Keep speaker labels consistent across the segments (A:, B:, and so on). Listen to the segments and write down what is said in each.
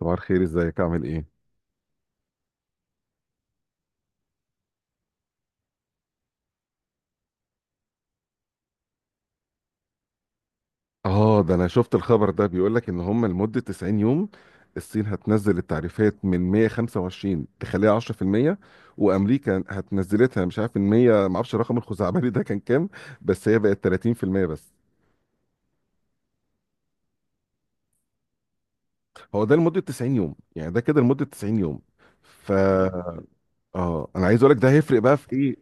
A: صباح الخير، ازيك؟ عامل ايه؟ اه، ده انا شفت الخبر ده، بيقول لك ان هم لمدة 90 يوم الصين هتنزل التعريفات من 125 تخليها 10%، وامريكا هتنزلتها مش عارف من 100، ما اعرفش الرقم الخزعبلي ده كان كام، بس هي بقت 30% بس. هو ده لمدة 90 يوم، يعني ده كده لمدة 90 يوم. ف مم. اه، انا عايز اقول لك ده هيفرق بقى في ايه.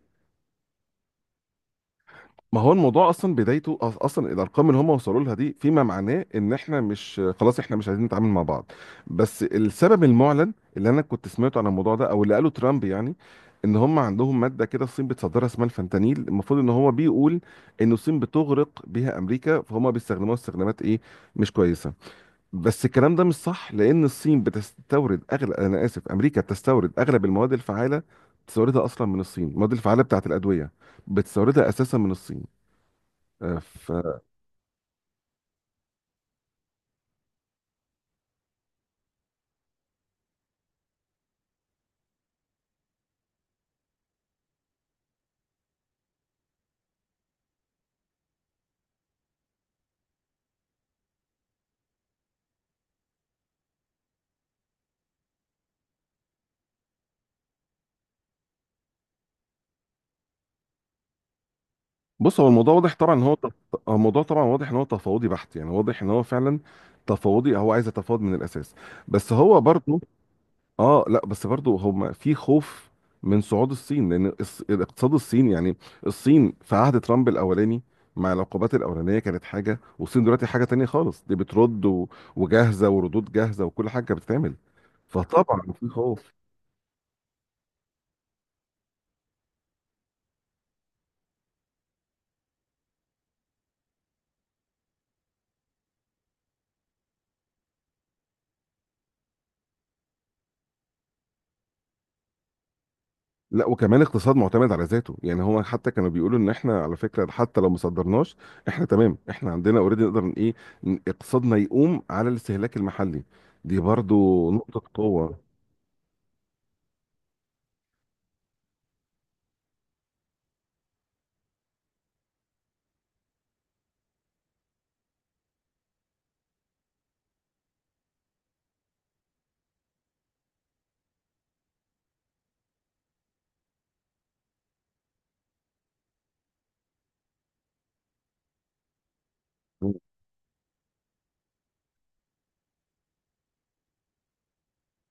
A: ما هو الموضوع اصلا بدايته اصلا الارقام اللي هم وصلوا لها دي، فيما معناه ان احنا مش خلاص، احنا مش عايزين نتعامل مع بعض. بس السبب المعلن اللي انا كنت سمعته عن الموضوع ده او اللي قاله ترامب يعني، ان هم عندهم ماده كده الصين بتصدرها اسمها الفentanyl، المفروض ان هو بيقول ان الصين بتغرق بيها امريكا، فهم بيستخدموها استخدامات ايه، مش كويسه. بس الكلام ده مش صح، لان الصين بتستورد اغلب، انا اسف، امريكا بتستورد اغلب المواد الفعاله، بتستوردها اصلا من الصين. المواد الفعاله بتاعت الادويه بتستوردها اساسا من الصين. ف- بص، هو الموضوع واضح طبعا ان هو هو الموضوع طبعا واضح ان هو تفاوضي بحت، يعني واضح ان هو فعلا تفاوضي، هو عايز يتفاوض من الاساس. بس هو برضه، اه لا، بس برضه هم في خوف من صعود الصين، لان الاقتصاد الصيني يعني، الصين في عهد ترامب الاولاني مع العقوبات الاولانيه كانت حاجه، والصين دلوقتي حاجه تانية خالص، دي بترد وجاهزه وردود جاهزه وكل حاجه بتتعمل، فطبعا في خوف. لا، وكمان اقتصاد معتمد على ذاته، يعني هو حتى كانوا بيقولوا ان احنا على فكره حتى لو ما صدرناش، احنا تمام، احنا عندنا اوريدي، نقدر اقتصادنا يقوم على الاستهلاك المحلي، دي برضو نقطه قوه.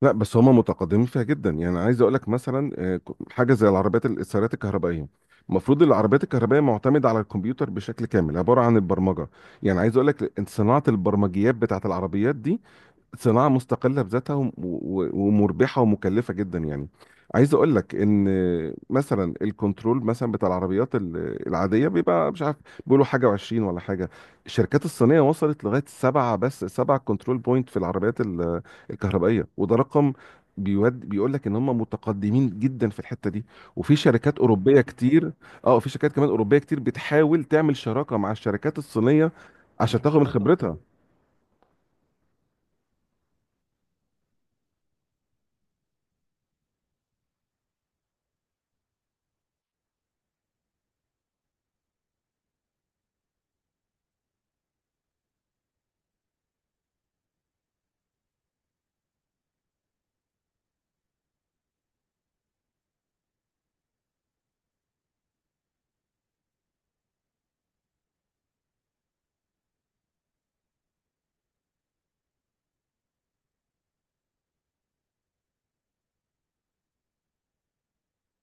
A: لا، بس هما متقدمين فيها جدا، يعني عايز اقول لك مثلا، حاجه زي العربيات السيارات الكهربائيه. المفروض العربيات الكهربائيه معتمده على الكمبيوتر بشكل كامل، عباره عن البرمجه، يعني عايز اقول لك صناعه البرمجيات بتاعت العربيات دي صناعة مستقلة بذاتها ومربحة ومكلفة جدا، يعني عايز اقول لك ان مثلا الكنترول مثلا بتاع العربيات العادية بيبقى مش عارف، بيقولوا حاجة وعشرين ولا حاجة، الشركات الصينية وصلت لغاية سبعة، بس سبعة كنترول بوينت في العربيات الكهربائية، وده رقم بيود بيقول لك ان هم متقدمين جدا في الحتة دي، وفي شركات اوروبية كتير. اه، في شركات كمان اوروبية كتير بتحاول تعمل شراكة مع الشركات الصينية عشان تاخد من خبرتها.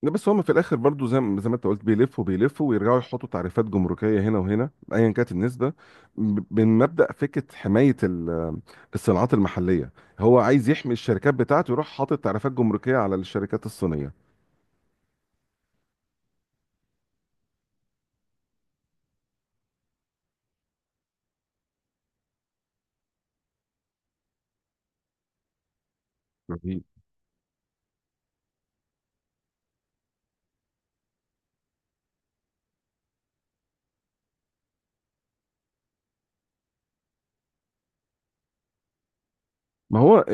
A: لا، بس هم في الاخر برضو زي ما انت قلت، بيلفوا بيلفوا ويرجعوا يحطوا تعريفات جمركيه هنا وهنا ايا كانت النسبه، من مبدا فكره حمايه الصناعات المحليه، هو عايز يحمي الشركات بتاعته، يروح حاطط تعريفات جمركيه على الشركات الصينيه. رهيب. ما هو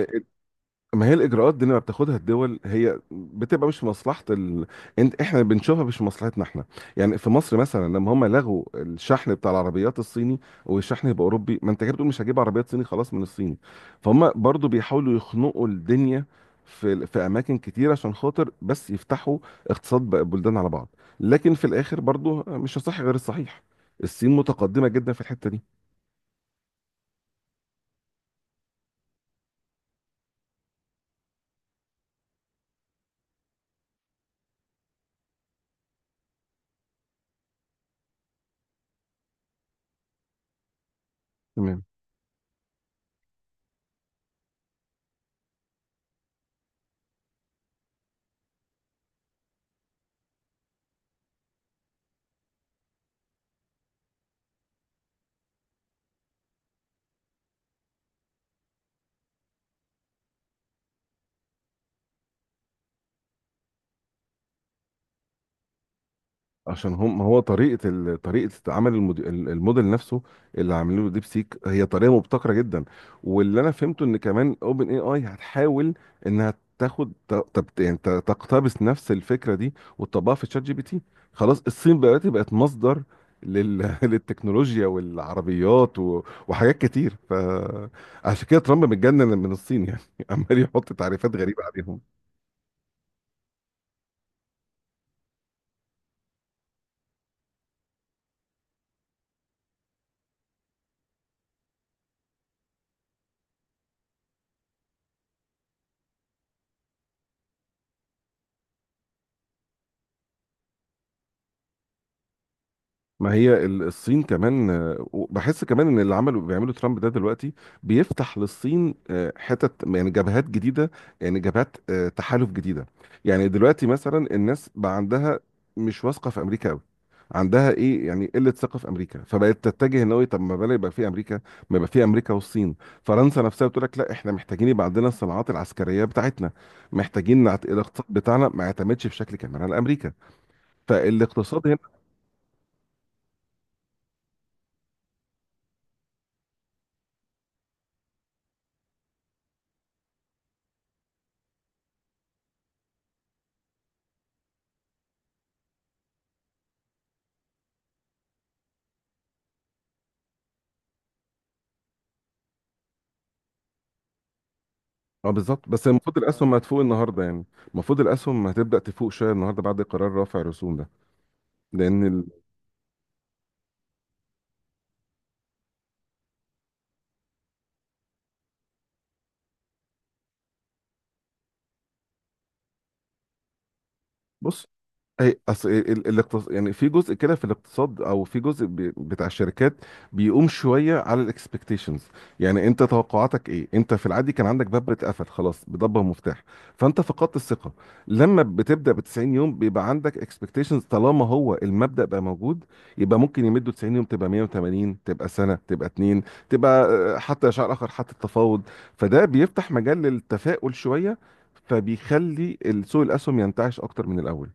A: ما هي الاجراءات دي اللي بتاخدها الدول هي بتبقى مش في مصلحه انت، احنا بنشوفها مش في مصلحتنا احنا. يعني في مصر مثلا لما هم لغوا الشحن بتاع العربيات الصيني والشحن يبقى اوروبي، ما انت كده بتقول مش هجيب عربيات صيني خلاص من الصين، فهم برضو بيحاولوا يخنقوا الدنيا في اماكن كتير عشان خاطر بس يفتحوا اقتصاد بقى البلدان على بعض. لكن في الاخر برضو مش هصح غير الصحيح، الصين متقدمه جدا في الحته دي. تمام، عشان هم، ما هو طريقه طريقه عمل الموديل نفسه اللي عاملينه ديب سيك هي طريقه مبتكره جدا. واللي انا فهمته ان كمان اوبن اي اي هتحاول انها تاخد تقتبس نفس الفكره دي وتطبقها في شات جي بي تي. خلاص، الصين بقت مصدر للتكنولوجيا والعربيات و... وحاجات كتير، فعشان كده ترامب متجنن من الصين، يعني عمال يحط تعريفات غريبه عليهم. ما هي الصين كمان، بحس كمان ان اللي عملوا بيعملوا ترامب ده دلوقتي، بيفتح للصين حتت، يعني جبهات جديده، يعني جبهات تحالف جديده. يعني دلوقتي مثلا الناس بقى عندها مش واثقه في امريكا قوي، عندها ايه يعني قله ثقه في امريكا، فبقت تتجه ان هو طب ما بلا يبقى في امريكا، ما يبقى في امريكا والصين. فرنسا نفسها بتقول لك لا، احنا محتاجين يبقى عندنا الصناعات العسكريه بتاعتنا، محتاجين الاقتصاد بتاعنا ما يعتمدش بشكل كامل على امريكا، فالاقتصاد هنا. اه بالظبط، بس المفروض الاسهم هتفوق النهارده يعني، المفروض الاسهم هتبدا تفوق شويه النهارده بعد قرار رفع الرسوم ده، لان بص، اي اصل يعني في جزء كده في الاقتصاد، او في جزء بتاع الشركات، بيقوم شويه على الاكسبكتيشنز، يعني انت توقعاتك ايه؟ انت في العادي كان عندك باب بيتقفل خلاص بضبه ومفتاح، فانت فقدت الثقه. لما بتبدا ب 90 يوم، بيبقى عندك اكسبكتيشنز، طالما هو المبدا بقى موجود، يبقى ممكن يمدوا 90 يوم، تبقى 180، تبقى سنه، تبقى اتنين، تبقى حتى شهر اخر، حتى التفاوض. فده بيفتح مجال للتفاؤل شويه، فبيخلي سوق الاسهم ينتعش اكتر من الاول.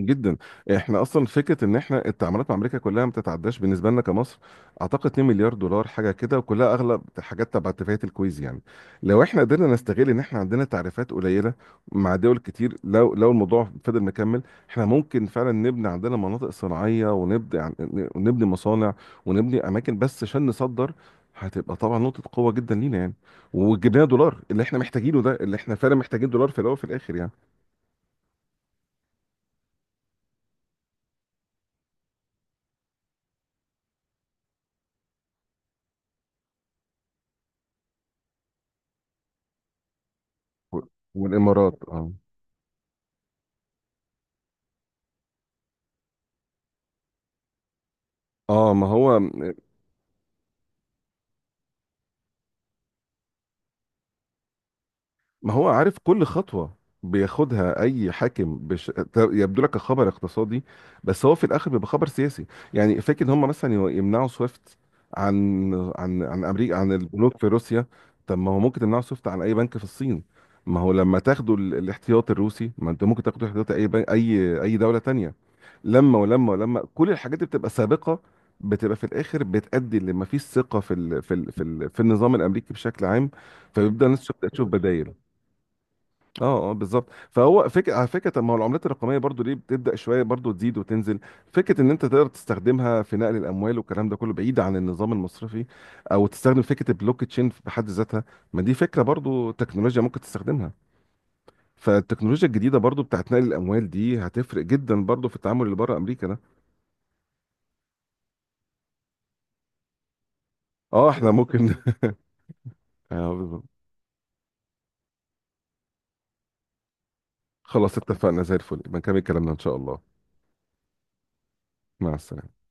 A: جدا، احنا اصلا فكره ان احنا التعاملات مع امريكا كلها ما بتتعداش بالنسبه لنا كمصر، اعتقد 2 مليار دولار حاجه كده، وكلها اغلب حاجات تبع اتفاقيه الكويز يعني. لو احنا قدرنا نستغل ان احنا عندنا تعريفات قليله مع دول كتير، لو الموضوع فضل مكمل، احنا ممكن فعلا نبني عندنا مناطق صناعيه، ونبدا ونبني مصانع، ونبني اماكن بس عشان نصدر، هتبقى طبعا نقطة قوة جدا لينا يعني، وجبناها دولار اللي احنا محتاجينه ده، اللي احنا فعلا محتاجين دولار في الأول وفي الآخر يعني. والإمارات، اه اه. ما هو، عارف كل خطوة بياخدها اي حاكم، يبدو لك خبر اقتصادي، بس هو في الاخر بيبقى خبر سياسي. يعني فاكر ان هم مثلا يمنعوا سويفت عن امريكا، عن البنوك في روسيا، طب ما هو ممكن تمنعوا سويفت عن اي بنك في الصين؟ ما هو لما تاخدوا الاحتياط الروسي، ما انت ممكن تاخدوا احتياط اي بنك اي دولة تانية. لما ولما ولما كل الحاجات اللي بتبقى سابقه، بتبقى في الاخر بتؤدي لما فيش ثقه في ال في ال في, ال في النظام الامريكي بشكل عام، فبيبدا الناس تبدا تشوف بدايل. اه اه بالظبط. فهو فكره، على فكره، طب ما هو العملات الرقميه برضو ليه بتبدا شويه برضو تزيد وتنزل؟ فكره ان انت تقدر تستخدمها في نقل الاموال والكلام ده كله بعيد عن النظام المصرفي، او تستخدم فكره البلوك تشين بحد ذاتها، ما دي فكره برضو تكنولوجيا ممكن تستخدمها. فالتكنولوجيا الجديده برضو بتاعت نقل الاموال دي هتفرق جدا برضو في التعامل اللي بره امريكا ده. اه، احنا ممكن. بالظبط. خلاص اتفقنا، زي الفل، يبقى نكمل كلامنا ان شاء الله. مع السلامة.